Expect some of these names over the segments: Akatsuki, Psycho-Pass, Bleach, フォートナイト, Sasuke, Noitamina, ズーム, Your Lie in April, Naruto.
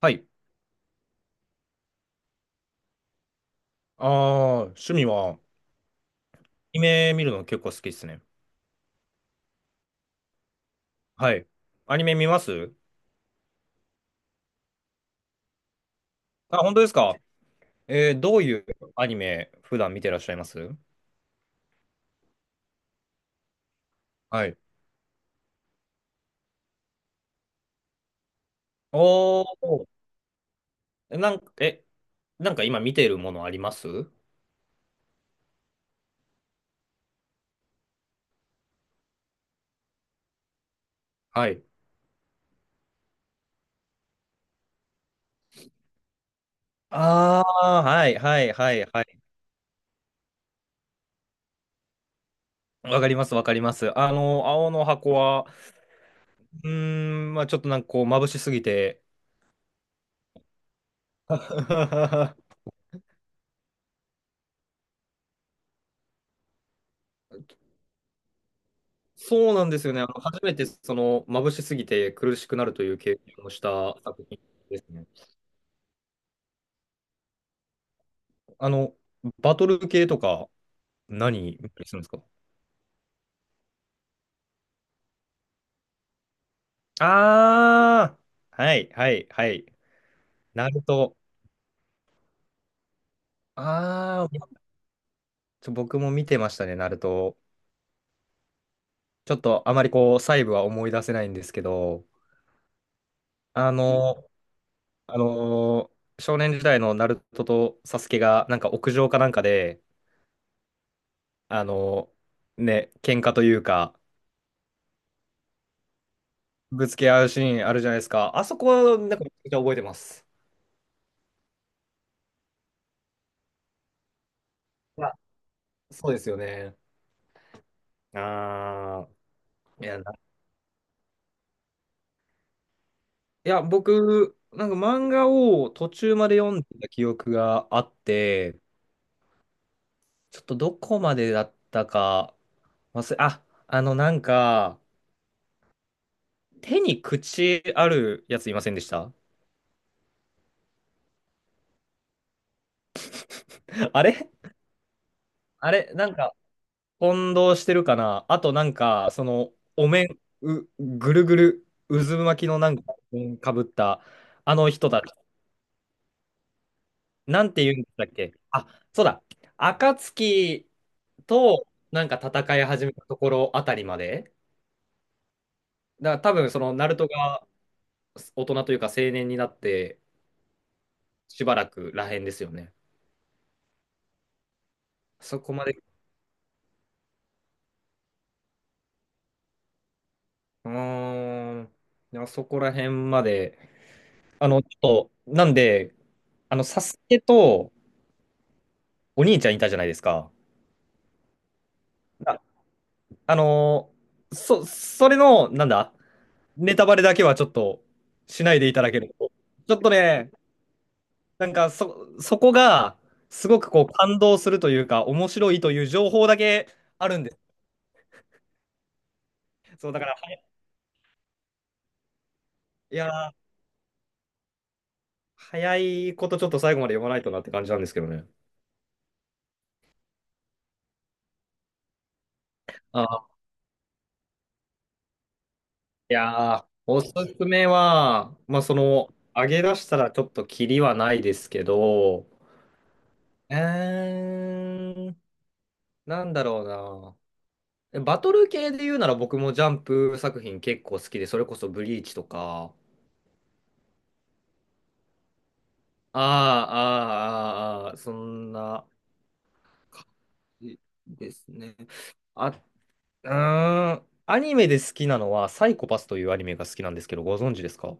はい。ああ、趣味は、アニメ見るの結構好きですね。はい。アニメ見ます。あ、本当ですか？どういうアニメ普段見てらっしゃいます？はい。おー、なんか、え、なんか今見てるものあります？はい。ああ、はいはいはいはい。わかりますわかります。あの、青の箱は、うーん、まあちょっと眩しすぎて、そうなんですよね。あの、初めてその眩しすぎて苦しくなるという経験をした作品ですね。あの、バトル系とか何見たりするんですか？ああー、はいはいはい。ナルト。ああ、僕も見てましたね、ナルト。ちょっとあまり細部は思い出せないんですけど、あの、あの、少年時代のナルトとサスケがなんか屋上かなんかで、あの、ね、喧嘩というか、ぶつけ合うシーンあるじゃないですか。あそこ、なんかめちゃくちゃ覚えてます。いや、そうですよね。ああ、いや、な、いや、僕、なんか漫画を途中まで読んでた記憶があって、ちょっとどこまでだったかあ、あの、なんか、手に口あるやついませんでした？ あれあれ、なんか、混同してるかなあと、なんか、その、お面、う、ぐるぐる、渦巻きのなんかかぶった、あの人たちなんて言うんでしたっけ？あ、そうだ。暁となんか戦い始めたところあたりまで。だから多分そのナルトが大人というか青年になってしばらくらへんですよね。そこまで。うーん。でもそこら辺まで。あの、ちょっと、なんで、あの、サスケとお兄ちゃんいたじゃないですか。あ、あのそれの、なんだ、ネタバレだけはちょっとしないでいただけると。ちょっとね、そこがすごくこう感動するというか、面白いという情報だけあるんです。そう、だから、いやー、早いことちょっと最後まで読まないとなって感じなんですけどね。あ、いやー、おすすめは、まあその、上げ出したらちょっとキリはないですけど、えーん、なんだろうな。バトル系で言うなら僕もジャンプ作品結構好きで、それこそブリーチとか、ああ、そんな。ですね。あ、うアニメで好きなのは、サイコパスというアニメが好きなんですけど、ご存知ですか？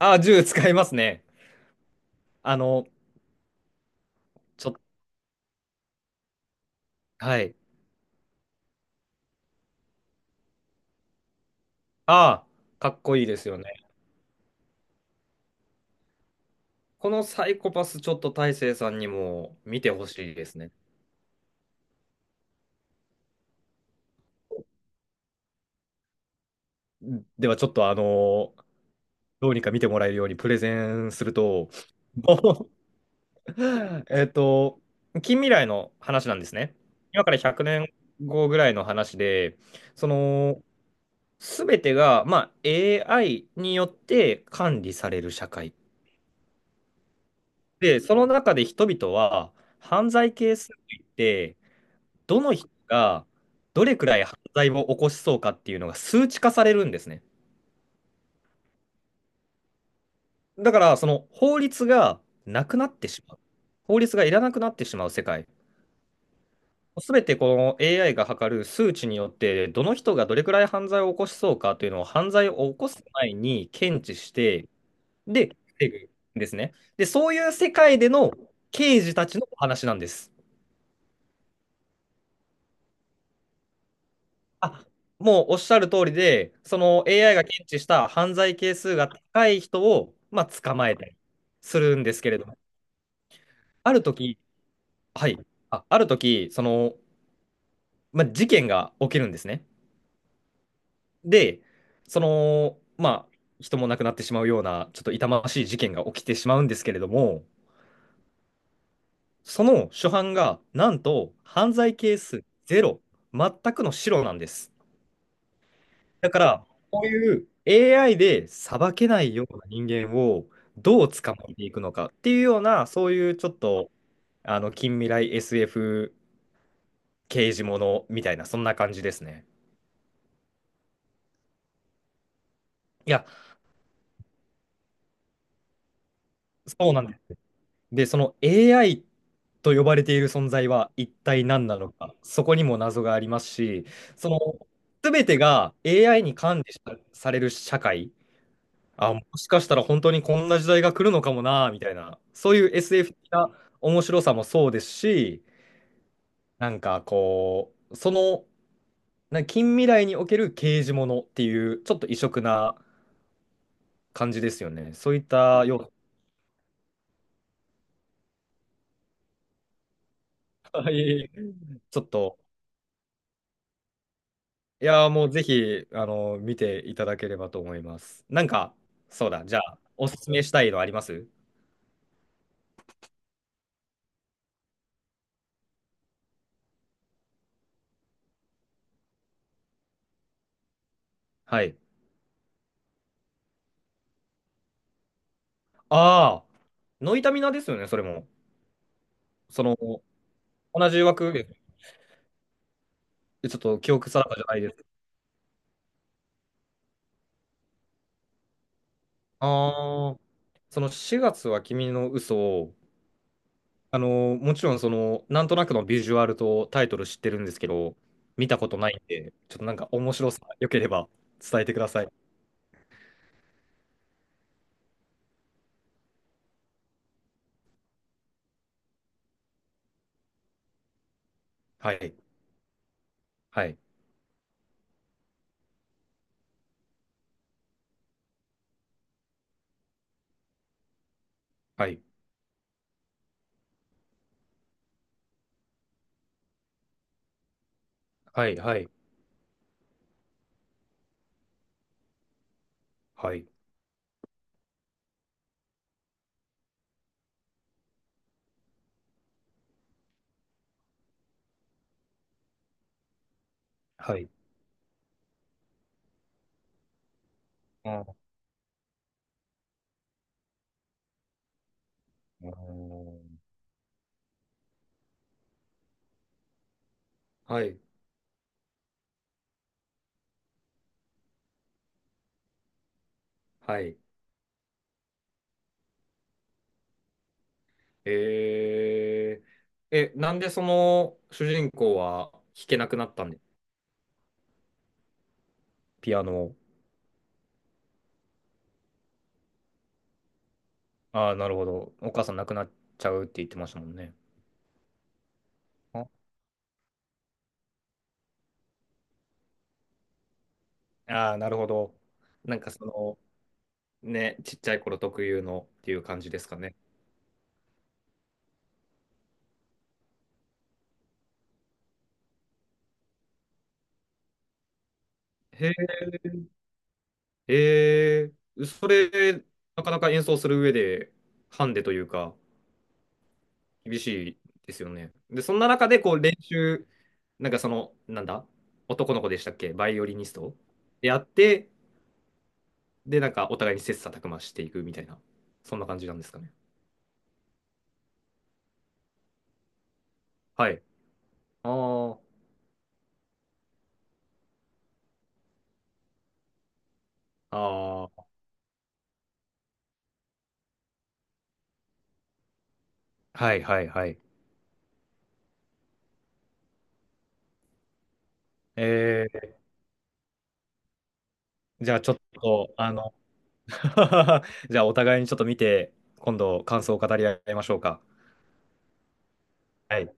あ、銃使いますね。あの、ちょっと、はい。ああ、かっこいいですよね。このサイコパス、ちょっと大成さんにも見てほしいですね。では、ちょっと、あの、どうにか見てもらえるようにプレゼンすると、もう、 えっと、近未来の話なんですね。今から100年後ぐらいの話で、その、すべてが、まあ、AI によって管理される社会。で、その中で人々は犯罪係数といって、どの人がどれくらい犯罪を起こしそうかっていうのが数値化されるんですね。だから、その法律がなくなってしまう。法律がいらなくなってしまう世界。すべてこの AI が測る数値によって、どの人がどれくらい犯罪を起こしそうかというのを犯罪を起こす前に検知して、で、防ぐんですね。で、そういう世界での刑事たちのお話なんです。あ、もうおっしゃる通りで、その AI が検知した犯罪係数が高い人を、まあ、捕まえたりするんですけれども、ある時、はい、ある時、その、まあ、事件が起きるんですね。で、その、まあ、人も亡くなってしまうような、ちょっと痛ましい事件が起きてしまうんですけれども、その初犯が、なんと、犯罪係数ゼロ、全くの白なんです。だから、こういう AI で裁けないような人間をどう捕まえていくのかっていうような、そういうちょっと、あの、近未来 SF 刑事ものみたいな、そんな感じですね。いや、そうなんです。で、その AI と呼ばれている存在は一体何なのか、そこにも謎がありますし、その、全てが AI に管理さされる社会、あ、もしかしたら本当にこんな時代が来るのかもな、みたいな、そういう SF 的な面白さもそうですし、なんかこう、その、近未来における刑事ものっていう、ちょっと異色な感じですよね。そういったような、 はい、ちょっと、いやー、もうぜひ、あの、見ていただければと思います。なんか、そうだ、じゃあ、おすすめしたいのあります？はい。ああ、ノイタミナですよね、それも。その、同じ枠で、ちょっと記憶定かじゃないです。ああ、その4月は君の嘘を、あの、もちろんその、なんとなくのビジュアルとタイトル知ってるんですけど、見たことないんで、ちょっとなんか面白さ、良ければ伝えてください。はい、はい、はい、はい、はい、はい、はい。あーはい、はい。えなんでその主人公は弾けなくなったんで、ピアノを。ああ、なるほど。お母さん亡くなっちゃうって言ってましたもんね。ああ、なるほど。なんかその、ね、ちっちゃい頃特有のっていう感じですかね。へえ、ええ、それ、なかなか演奏する上で、ハンデというか、厳しいですよね。で、そんな中で、こう、練習、なんかその、なんだ、男の子でしたっけ、バイオリニストでやって、で、なんかお互いに切磋琢磨していくみたいな、そんな感じなんですかね。はい。ああ、ああ、はいはいはい。えー、じゃあちょっと、あの、じゃあ、お互いにちょっと見て、今度感想を語り合いましょうか。はい。